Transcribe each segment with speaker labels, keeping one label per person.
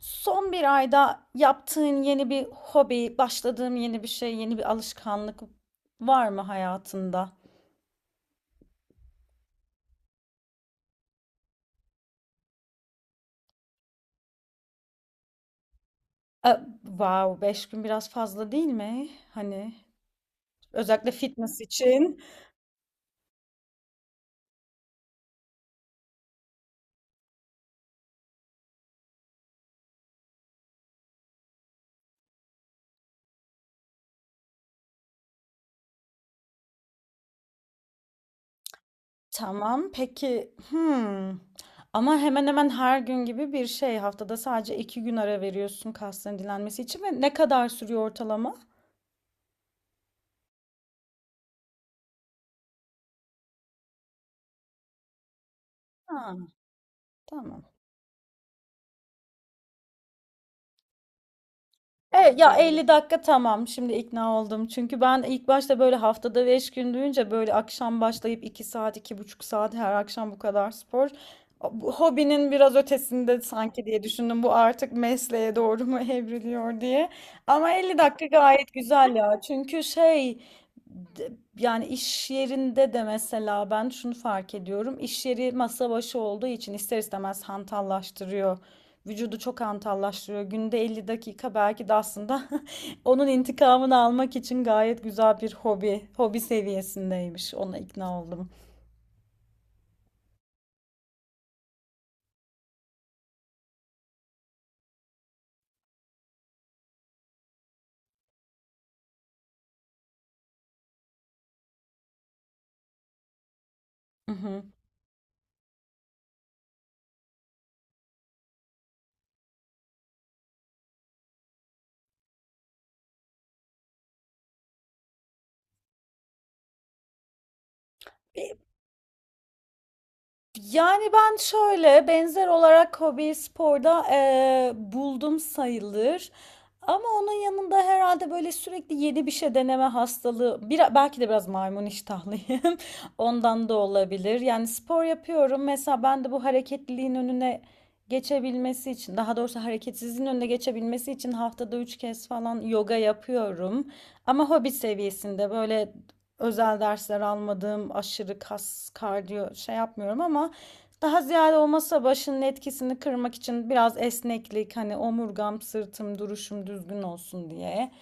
Speaker 1: Son bir ayda yaptığın yeni bir hobi, başladığın yeni bir şey, yeni bir alışkanlık var mı hayatında? E, wow, beş gün biraz fazla değil mi? Hani özellikle fitness için. Tamam, peki. Hmm. Ama hemen hemen her gün gibi bir şey. Haftada sadece iki gün ara veriyorsun kasların dinlenmesi için ve ne kadar sürüyor ortalama? Ha, tamam. Evet ya, 50 dakika tamam, şimdi ikna oldum. Çünkü ben ilk başta böyle haftada 5 gün duyunca böyle akşam başlayıp 2 saat, iki buçuk saat her akşam bu kadar spor. Bu hobinin biraz ötesinde sanki diye düşündüm. Bu artık mesleğe doğru mu evriliyor diye. Ama 50 dakika gayet güzel ya. Çünkü yani iş yerinde de mesela ben şunu fark ediyorum. İş yeri masa başı olduğu için ister istemez hantallaştırıyor. Vücudu çok hantallaştırıyor. Günde 50 dakika belki de aslında onun intikamını almak için gayet güzel bir hobi. Hobi seviyesindeymiş. Ona ikna oldum. Hı hı. Yani ben şöyle benzer olarak hobi sporda buldum sayılır. Ama onun yanında herhalde böyle sürekli yeni bir şey deneme hastalığı, bir, belki de biraz maymun iştahlıyım. Ondan da olabilir. Yani spor yapıyorum. Mesela ben de bu hareketliliğin önüne geçebilmesi için, daha doğrusu hareketsizliğin önüne geçebilmesi için haftada üç kez falan yoga yapıyorum. Ama hobi seviyesinde böyle özel dersler almadım, aşırı kas, kardiyo şey yapmıyorum, ama daha ziyade o masa başının etkisini kırmak için biraz esneklik, hani omurgam, sırtım, duruşum düzgün olsun diye.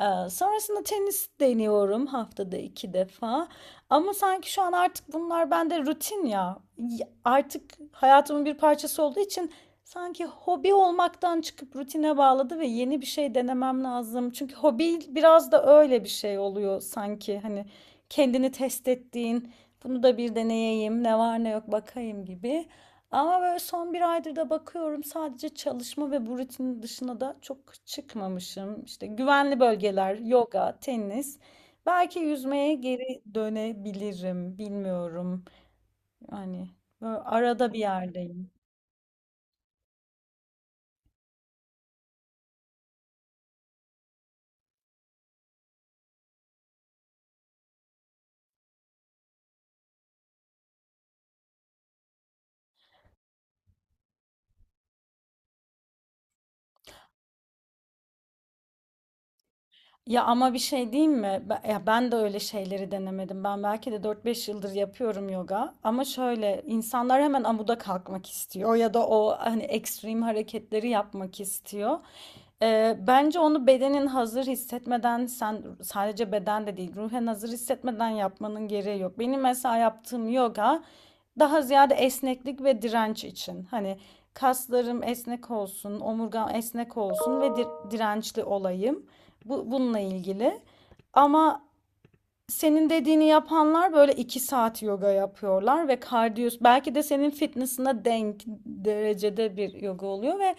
Speaker 1: Sonrasında tenis deniyorum haftada iki defa. Ama sanki şu an artık bunlar bende rutin ya. Artık hayatımın bir parçası olduğu için sanki hobi olmaktan çıkıp rutine bağladı ve yeni bir şey denemem lazım. Çünkü hobi biraz da öyle bir şey oluyor sanki. Hani kendini test ettiğin, bunu da bir deneyeyim, ne var ne yok bakayım gibi. Ama böyle son bir aydır da bakıyorum sadece çalışma ve bu rutinin dışına da çok çıkmamışım. İşte güvenli bölgeler, yoga, tenis. Belki yüzmeye geri dönebilirim, bilmiyorum. Yani böyle arada bir yerdeyim. Ya ama bir şey diyeyim mi? Ya ben de öyle şeyleri denemedim. Ben belki de dört beş yıldır yapıyorum yoga. Ama şöyle insanlar hemen amuda kalkmak istiyor ya da o hani ekstrem hareketleri yapmak istiyor. Bence onu bedenin hazır hissetmeden, sen sadece beden de değil ruhen hazır hissetmeden yapmanın gereği yok. Benim mesela yaptığım yoga daha ziyade esneklik ve direnç için. Hani kaslarım esnek olsun, omurgam esnek olsun ve dirençli olayım. Bu, bununla ilgili. Ama senin dediğini yapanlar böyle 2 saat yoga yapıyorlar ve kardiyo belki de senin fitness'ına denk derecede bir yoga oluyor ve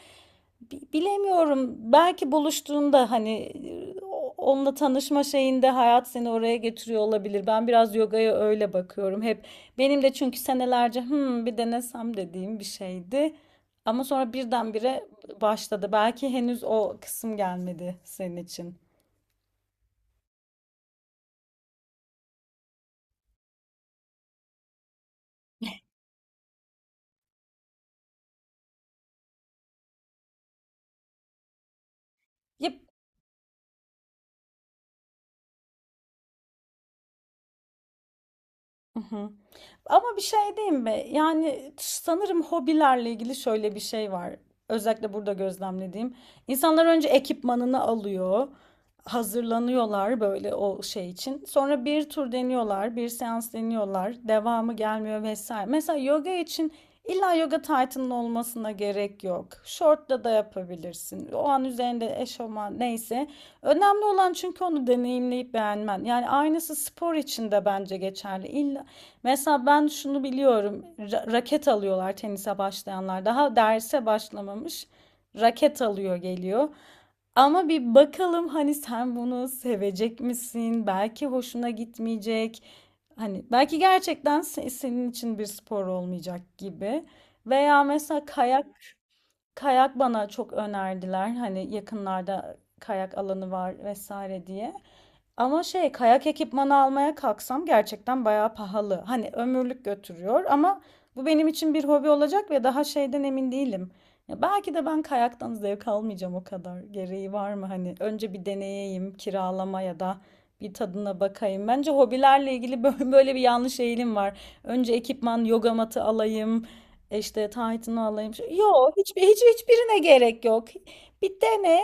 Speaker 1: bilemiyorum, belki buluştuğunda hani e, onunla tanışma şeyinde hayat seni oraya getiriyor olabilir. Ben biraz yogaya öyle bakıyorum. Hep benim de çünkü senelerce, hmm, bir denesem dediğim bir şeydi. Ama sonra birdenbire başladı. Belki henüz o kısım gelmedi senin için. Ya. Hı hı. Ama bir şey diyeyim mi? Yani sanırım hobilerle ilgili şöyle bir şey var. Özellikle burada gözlemlediğim. İnsanlar önce ekipmanını alıyor, hazırlanıyorlar böyle o şey için. Sonra bir tur deniyorlar, bir seans deniyorlar, devamı gelmiyor vesaire. Mesela yoga için illa yoga taytının olmasına gerek yok. Şortla da yapabilirsin. O an üzerinde eşofman neyse. Önemli olan çünkü onu deneyimleyip beğenmen. Yani aynısı spor için de bence geçerli. Mesela ben şunu biliyorum. Raket alıyorlar tenise başlayanlar. Daha derse başlamamış raket alıyor geliyor. Ama bir bakalım hani sen bunu sevecek misin? Belki hoşuna gitmeyecek. Hani belki gerçekten senin için bir spor olmayacak gibi. Veya mesela kayak. Kayak bana çok önerdiler. Hani yakınlarda kayak alanı var vesaire diye. Ama şey, kayak ekipmanı almaya kalksam gerçekten bayağı pahalı. Hani ömürlük götürüyor ama bu benim için bir hobi olacak ve daha şeyden emin değilim. Ya belki de ben kayaktan zevk almayacağım o kadar. Gereği var mı hani? Önce bir deneyeyim, kiralama ya da bir tadına bakayım. Bence hobilerle ilgili böyle bir yanlış eğilim var. Önce ekipman, yoga matı alayım. İşte Titan'ı alayım. Yok, hiçbirine gerek yok. Bir dene,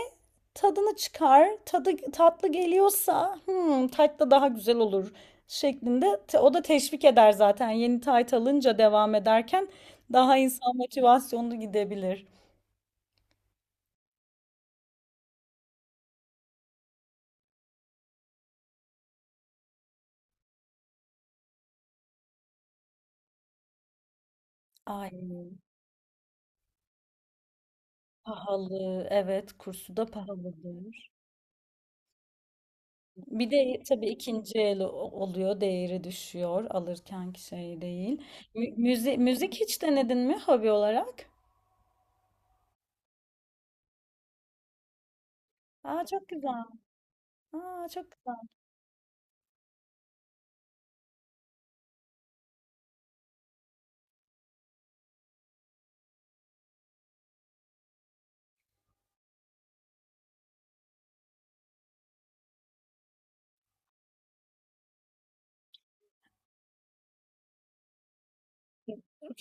Speaker 1: tadını çıkar. Tadı tatlı geliyorsa, hmm, tatlı daha güzel olur şeklinde. O da teşvik eder zaten. Yeni Titan alınca devam ederken daha insan motivasyonlu gidebilir. Ay, pahalı. Evet, kursu da pahalıdır. Bir de tabii ikinci el oluyor, değeri düşüyor, alırkenki şey değil. Müzik hiç denedin mi hobi olarak? Aa, çok güzel. Aa, çok güzel.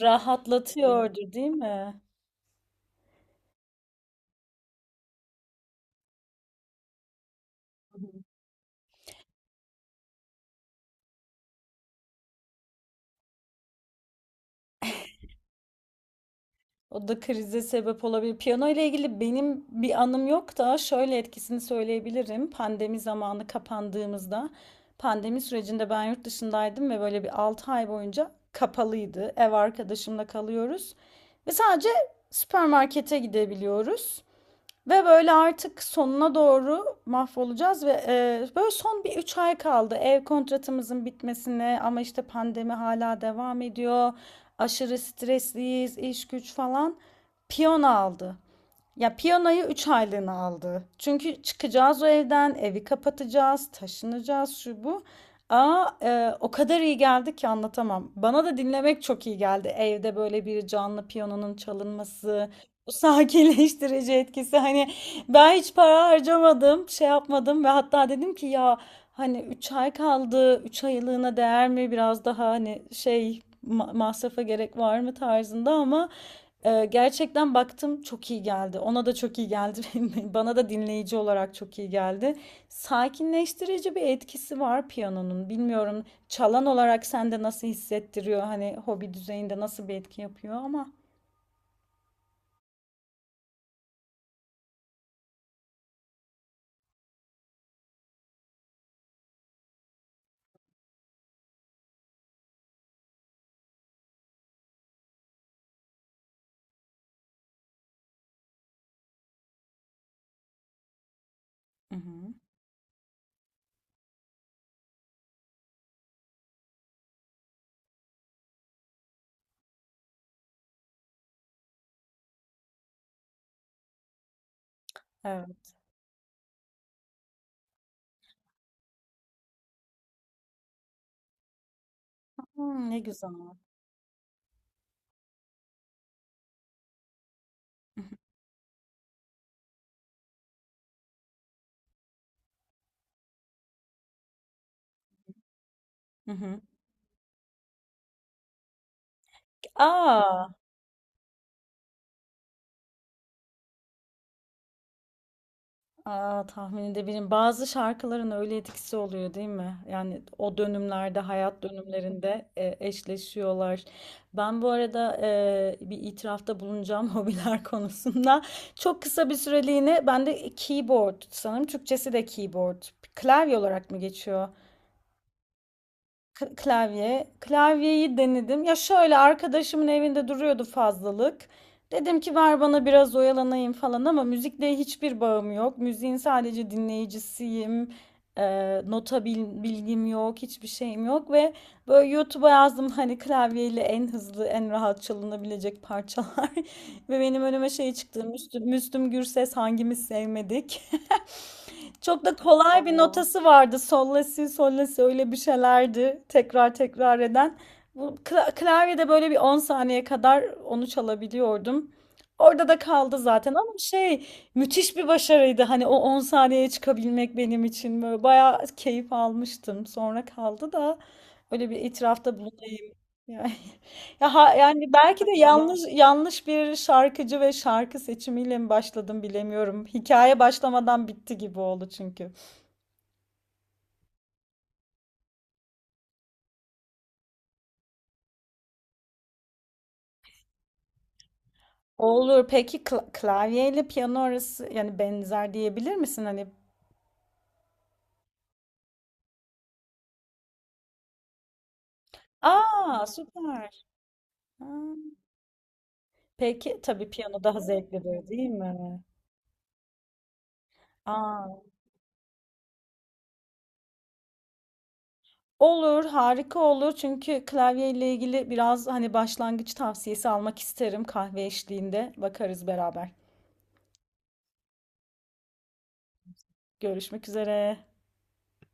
Speaker 1: Rahatlatıyordur değil mi? O da krize sebep olabilir. Piyano ile ilgili benim bir anım yok da şöyle etkisini söyleyebilirim. Pandemi zamanı kapandığımızda, pandemi sürecinde ben yurt dışındaydım ve böyle bir 6 ay boyunca kapalıydı. Ev arkadaşımla kalıyoruz ve sadece süpermarkete gidebiliyoruz. Ve böyle artık sonuna doğru mahvolacağız ve böyle son bir 3 ay kaldı ev kontratımızın bitmesine, ama işte pandemi hala devam ediyor. Aşırı stresliyiz, iş güç falan. Piyano aldı. Ya piyanoyu 3 aylığına aldı. Çünkü çıkacağız o evden, evi kapatacağız, taşınacağız şu bu. Aa, o kadar iyi geldi ki anlatamam. Bana da dinlemek çok iyi geldi. Evde böyle bir canlı piyanonun çalınması, sakinleştirici etkisi. Hani ben hiç para harcamadım, şey yapmadım ve hatta dedim ki ya, hani 3 ay kaldı, 3 aylığına değer mi? Biraz daha hani şey, masrafa gerek var mı tarzında, ama gerçekten baktım çok iyi geldi. Ona da çok iyi geldi. Bana da dinleyici olarak çok iyi geldi. Sakinleştirici bir etkisi var piyanonun. Bilmiyorum, çalan olarak sende nasıl hissettiriyor? Hani hobi düzeyinde nasıl bir etki yapıyor ama. Hı hı. Evet. Hımm, ne güzel. Hı hı. A! A, tahmin edebilirim. Bazı şarkıların öyle etkisi oluyor değil mi? Yani o dönümlerde, hayat dönümlerinde, eşleşiyorlar. Ben bu arada, bir itirafta bulunacağım hobiler konusunda. Çok kısa bir süreliğine ben de keyboard, sanırım Türkçesi de keyboard. Klavye olarak mı geçiyor? Klavye. Klavyeyi denedim. Ya şöyle arkadaşımın evinde duruyordu fazlalık. Dedim ki ver bana biraz oyalanayım falan, ama müzikle hiçbir bağım yok. Müziğin sadece dinleyicisiyim. Nota bilgim yok, hiçbir şeyim yok ve böyle YouTube'a yazdım hani klavyeyle en hızlı, en rahat çalınabilecek parçalar. Ve benim önüme şey çıktı. Müslüm, Müslüm Gürses hangimiz sevmedik? Çok da kolay bir Allah notası vardı. Sol la si, sol la si öyle bir şeylerdi. Tekrar tekrar eden. Bu klavyede böyle bir 10 saniye kadar onu çalabiliyordum. Orada da kaldı zaten, ama şey, müthiş bir başarıydı. Hani o 10 saniyeye çıkabilmek benim için böyle bayağı keyif almıştım. Sonra kaldı da, öyle bir itirafta bulunayım. Yani. Yani belki de yanlış bir şarkıcı ve şarkı seçimiyle mi başladım bilemiyorum. Hikaye başlamadan bitti gibi oldu çünkü. Olur. Peki klavyeyle piyano arası, yani benzer diyebilir misin hani? Aa, süper. Ha. Peki tabii piyano daha zevklidir değil mi? Aa, olur, harika olur. Çünkü klavyeyle ilgili biraz hani başlangıç tavsiyesi almak isterim kahve eşliğinde. Bakarız beraber. Görüşmek üzere.